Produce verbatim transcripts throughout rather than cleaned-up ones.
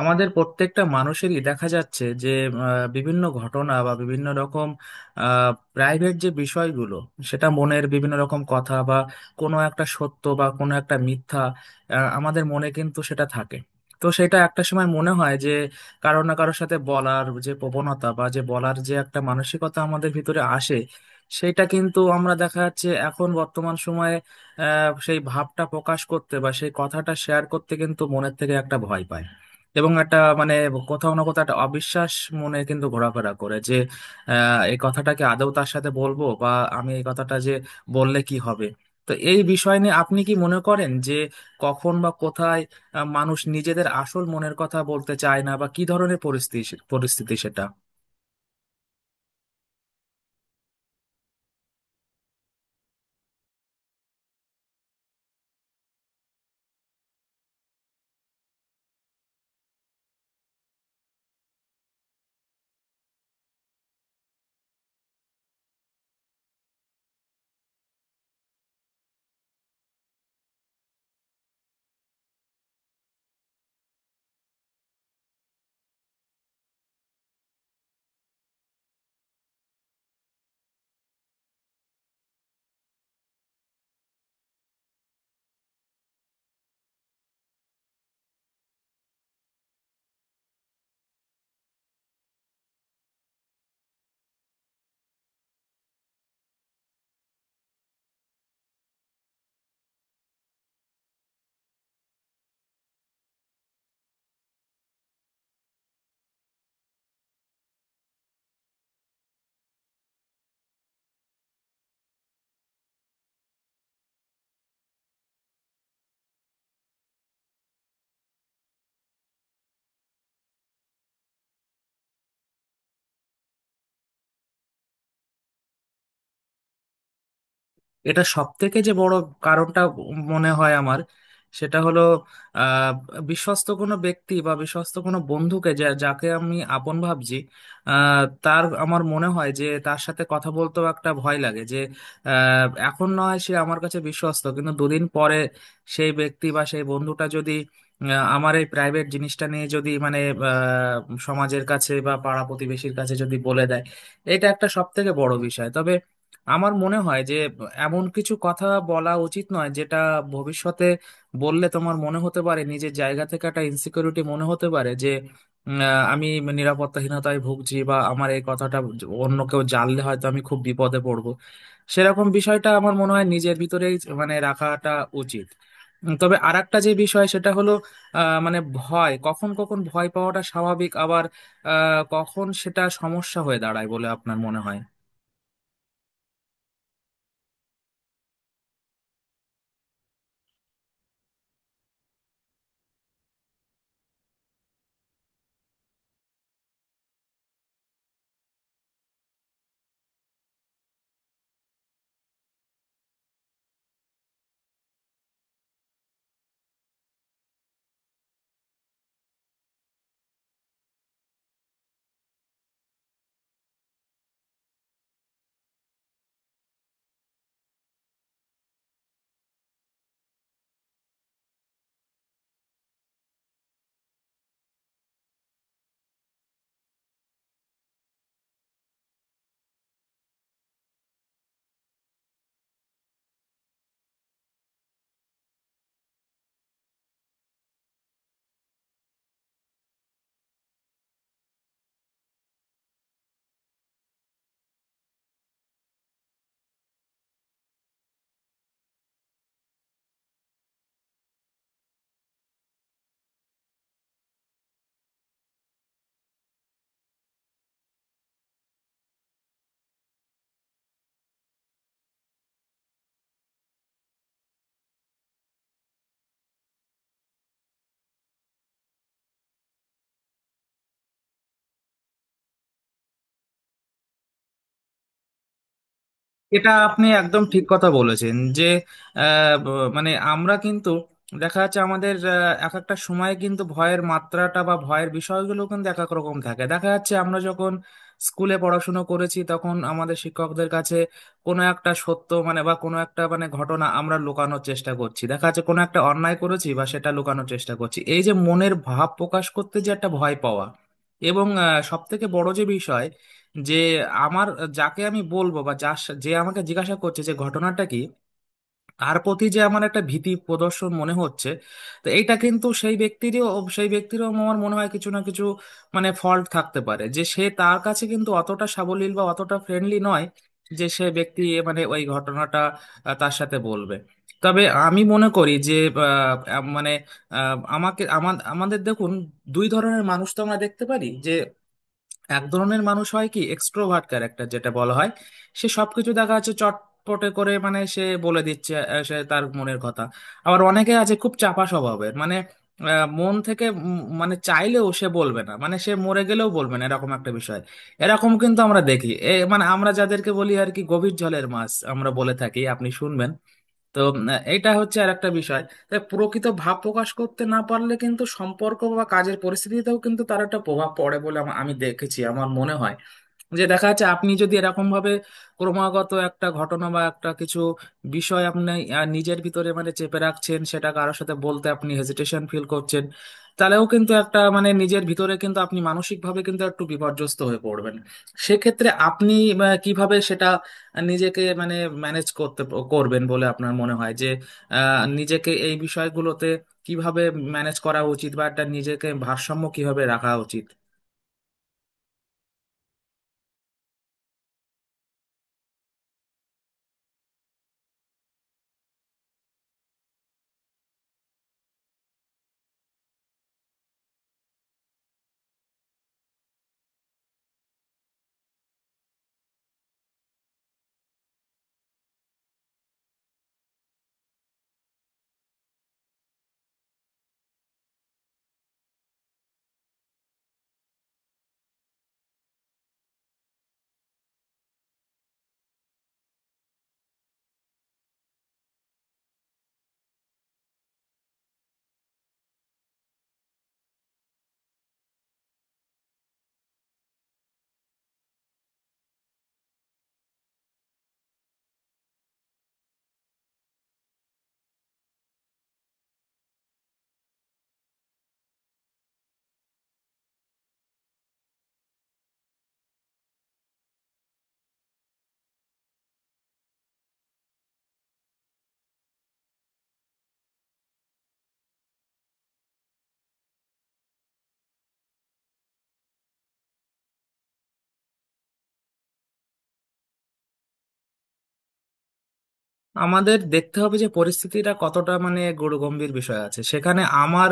আমাদের প্রত্যেকটা মানুষেরই দেখা যাচ্ছে যে আহ, বিভিন্ন ঘটনা বা বিভিন্ন রকম প্রাইভেট যে বিষয়গুলো, সেটা মনের বিভিন্ন রকম কথা বা কোনো একটা সত্য বা কোনো একটা মিথ্যা, আহ, আমাদের মনে কিন্তু সেটা থাকে। তো সেটা একটা সময় মনে হয় যে কারো না কারোর সাথে বলার যে প্রবণতা বা যে বলার যে একটা মানসিকতা আমাদের ভিতরে আসে, সেটা কিন্তু আমরা দেখা যাচ্ছে এখন বর্তমান সময়ে আহ, সেই ভাবটা প্রকাশ করতে বা সেই কথাটা শেয়ার করতে কিন্তু মনের থেকে একটা ভয় পায়। এবং একটা মানে কোথাও না কোথাও একটা অবিশ্বাস মনে কিন্তু ঘোরাফেরা করে যে আহ, এই কথাটাকে আদৌ তার সাথে বলবো বা আমি এই কথাটা যে বললে কি হবে। তো এই বিষয় নিয়ে আপনি কি মনে করেন যে কখন বা কোথায় আহ, মানুষ নিজেদের আসল মনের কথা বলতে চায় না বা কি ধরনের পরিস্থিতি পরিস্থিতি সেটা। এটা সব থেকে যে বড় কারণটা মনে হয় আমার, সেটা হলো আহ, বিশ্বস্ত কোনো ব্যক্তি বা বিশ্বস্ত কোনো বন্ধুকে, যা- যাকে আমি আপন ভাবছি, আহ, তার আমার মনে হয় যে তার সাথে কথা বলতেও একটা ভয় লাগে যে আহ, এখন নয় সে আমার কাছে বিশ্বস্ত কিন্তু দুদিন পরে সেই ব্যক্তি বা সেই বন্ধুটা যদি আহ, আমার এই প্রাইভেট জিনিসটা নিয়ে যদি মানে আহ, সমাজের কাছে বা পাড়া প্রতিবেশীর কাছে যদি বলে দেয়। এটা একটা সব থেকে বড় বিষয়। তবে আমার মনে হয় যে এমন কিছু কথা বলা উচিত নয় যেটা ভবিষ্যতে বললে তোমার মনে হতে পারে নিজের জায়গা থেকে একটা ইনসিকিউরিটি মনে হতে পারে যে উম, আহ, আমি নিরাপত্তাহীনতায় ভুগছি বা আমার এই কথাটা অন্য কেউ জানলে হয়তো আমি খুব বিপদে পড়বো। সেরকম বিষয়টা আমার মনে হয় নিজের ভিতরেই মানে রাখাটা উচিত। উম, তবে আরেকটা যে বিষয় সেটা হলো আহ, মানে ভয় কখন কখন ভয় পাওয়াটা স্বাভাবিক আবার আহ, কখন সেটা সমস্যা হয়ে দাঁড়ায় বলে আপনার মনে হয়। এটা আপনি একদম ঠিক কথা বলেছেন যে আহ, ব- মানে আমরা কিন্তু দেখা যাচ্ছে আমাদের আহ, এক একটা সময়ে কিন্তু ভয়ের মাত্রাটা বা ভয়ের বিষয়গুলো কিন্তু এক এক রকম থাকে। দেখা যাচ্ছে আমরা যখন স্কুলে পড়াশুনো করেছি তখন আমাদের শিক্ষকদের কাছে কোনো একটা সত্য মানে বা কোনো একটা মানে ঘটনা আমরা লুকানোর চেষ্টা করছি, দেখা যাচ্ছে কোনো একটা অন্যায় করেছি বা সেটা লুকানোর চেষ্টা করছি, এই যে মনের ভাব প্রকাশ করতে যে একটা ভয় পাওয়া। এবং সব থেকে বড় যে বিষয় যে আমার, যাকে আমি বলবো বা যার সা- যে আমাকে জিজ্ঞাসা করছে যে ঘটনাটা কি, তার প্রতি যে আমার একটা ভীতি প্রদর্শন মনে হচ্ছে। তো এইটা কিন্তু সেই ব্যক্তিরও, সেই ব্যক্তিরও আমার মনে হয় কিছু না কিছু মানে ফল্ট থাকতে পারে যে সে তার কাছে কিন্তু অতটা সাবলীল বা অতটা ফ্রেন্ডলি নয় যে সে ব্যক্তি মানে ওই ঘটনাটা আহ, তার সাথে বলবে। তবে আমি মনে করি যে আহ, আম- মানে আহ, আমাকে আমার আমাদের দেখুন, দুই ধরনের মানুষ তো আমরা দেখতে পারি যে এক ধরনের মানুষ হয় কি এক্সট্রোভার্ট ক্যারেক্টার যেটা বলা হয়, সে সবকিছু দেখা যাচ্ছে চটপটে করে মানে সে বলে দিচ্ছে আহ, সে তার মনের কথা। আবার অনেকে আছে খুব চাপা স্বভাবের মানে আহ, মন থেকে উম, মানে চাইলেও সে বলবে না, মানে সে মরে গেলেও বলবে না এরকম একটা বিষয়। এরকম কিন্তু আমরা দেখি, এ মানে আমরা যাদেরকে বলি আর কি গভীর জলের মাছ আমরা বলে থাকি, আপনি শুনবেন। তো উম, এটা হচ্ছে আর একটা বিষয়। তাই প্রকৃত ভাব প্রকাশ করতে না পারলে কিন্তু সম্পর্ক বা কাজের পরিস্থিতিতেও কিন্তু তার একটা প্রভাব পড়ে বলে আমা- আমি দেখেছি আমার মনে হয়। যে দেখা যাচ্ছে আপনি যদি এরকম ভাবে ক্রমাগত একটা ঘটনা বা একটা কিছু বিষয় আপনি আহ, নিজের ভিতরে মানে চেপে রাখছেন, সেটা কারোর সাথে বলতে আপনি হেজিটেশন ফিল করছেন, তাহলেও কিন্তু একটা মানে নিজের ভিতরে কিন্তু আপনি মানসিকভাবে কিন্তু একটু বিপর্যস্ত হয়ে পড়বেন। সেক্ষেত্রে আপনি আহ, কিভাবে সেটা নিজেকে মানে ম্যানেজ করতে করবেন বলে আপনার মনে হয় যে আহ, নিজেকে এই বিষয়গুলোতে কিভাবে ম্যানেজ করা উচিত বা একটা নিজেকে ভারসাম্য কিভাবে রাখা উচিত। আমাদের দেখতে হবে যে পরিস্থিতিটা কতটা মানে গুরুগম্ভীর বিষয় আছে সেখানে আমার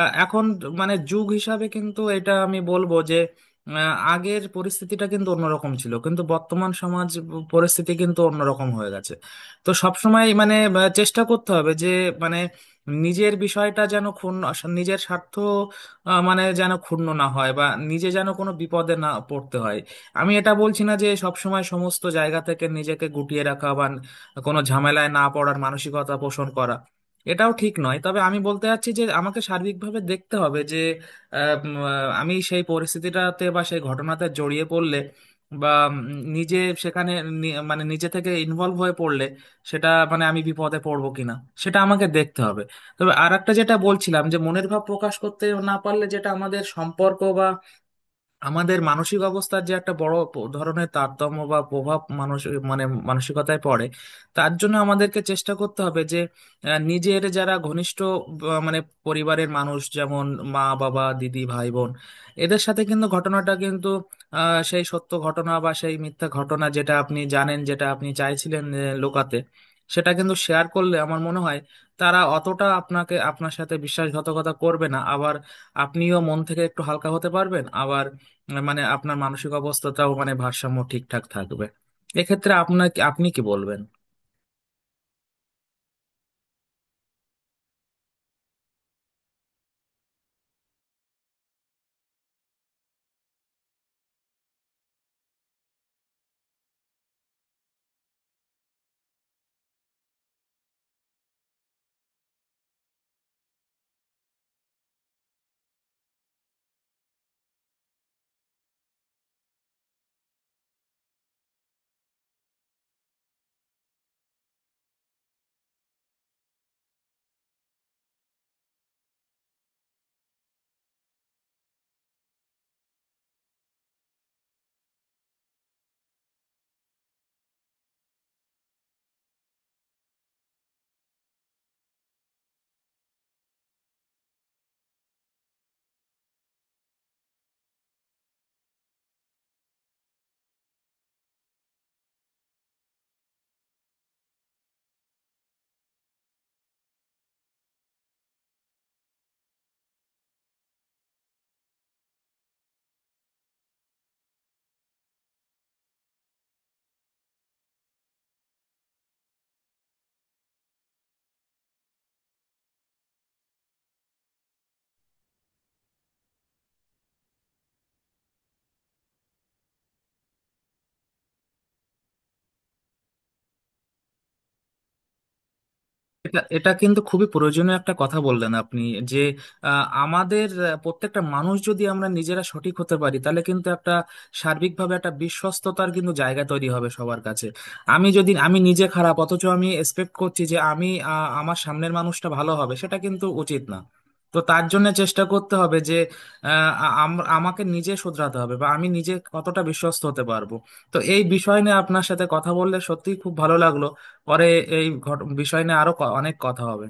আহ, এখন মানে যুগ হিসাবে কিন্তু এটা আমি বলবো যে আহ, আগের পরিস্থিতিটা কিন্তু অন্যরকম ছিল কিন্তু বর্তমান সমাজ পরিস্থিতি কিন্তু অন্যরকম হয়ে গেছে। তো সবসময় মানে আহ, চেষ্টা করতে হবে যে মানে নিজের বিষয়টা যেন ক্ষুণ্ণ, নিজের স্বার্থ আহ, মানে যেন ক্ষুণ্ণ না হয় বা নিজে যেন কোনো বিপদে না পড়তে হয়। আমি এটা বলছি না যে সবসময় সমস্ত জায়গা থেকে নিজেকে গুটিয়ে রাখা, কোনো ঝামেলায় না পড়ার মানসিকতা পোষণ করা, এটাও ঠিক নয়। তবে আমি বলতে চাচ্ছি যে আমাকে সার্বিকভাবে দেখতে হবে যে আহ, উম, আহ, আমি সেই পরিস্থিতিটাতে বা সেই ঘটনাতে জড়িয়ে পড়লে বা উম, নিজে সেখানে নি- মানে নিজে থেকে ইনভলভ হয়ে পড়লে সেটা মানে আমি বিপদে পড়বো কিনা সেটা আমাকে দেখতে হবে। তবে আর একটা যেটা বলছিলাম যে মনের ভাব প্রকাশ করতে না পারলে যেটা আমাদের সম্পর্ক, আমাদের মানসিক অবস্থার যে একটা বড় প- ধরনের তারতম্য বা প্রভাব মানুষ মানে মানসিকতায় পড়ে। তার জন্য আমাদেরকে চেষ্টা করতে হবে যে আহ, নিজের যারা ঘনিষ্ঠ আহ, মানে পরিবারের মানুষ যেমন মা বাবা দিদি ভাই বোন, এদের সাথে কিন্তু ঘটনাটা কিন্তু আহ, সেই সত্য ঘটনা বা সেই মিথ্যা ঘটনা যেটা আপনি জানেন, যেটা আপনি চাইছিলেন আহ, লোকাতে, সেটা কিন্তু শেয়ার করলে আমার মনে হয় তারা অতটা আপনাকে আপনার সাথে বিশ্বাসঘাতকতা করবে না। আবার আপনিও মন থেকে একটু হালকা হতে পারবেন, আবার মানে আপনার মানসিক অবস্থাটাও মানে ভারসাম্য ঠিকঠাক থাকবে। এক্ষেত্রে আপনার আপনি কি বলবেন। এটা এটা কিন্তু খুবই প্রয়োজনীয় একটা কথা বললেন আপনি যে আহ, আমাদের আহ, প্রত্যেকটা মানুষ যদি আমরা নিজেরা সঠিক হতে পারি তাহলে কিন্তু একটা সার্বিকভাবে একটা বিশ্বস্ততার কিন্তু জায়গা তৈরি হবে সবার কাছে। আমি যদি আমি নিজে খারাপ অথচ আমি এক্সপেক্ট করছি যে আমি আহ, আমার সামনের মানুষটা ভালো হবে, সেটা কিন্তু উচিত না। তো তার জন্য চেষ্টা করতে হবে যে আহ, আম- আমাকে নিজে শুধরাতে হবে বা আমি নিজে কতটা বিশ্বস্ত হতে পারবো। তো এই বিষয় নিয়ে আপনার সাথে কথা বললে সত্যিই খুব ভালো লাগলো। পরে এই ঘট বিষয় নিয়ে আরো ক- অনেক কথা হবে।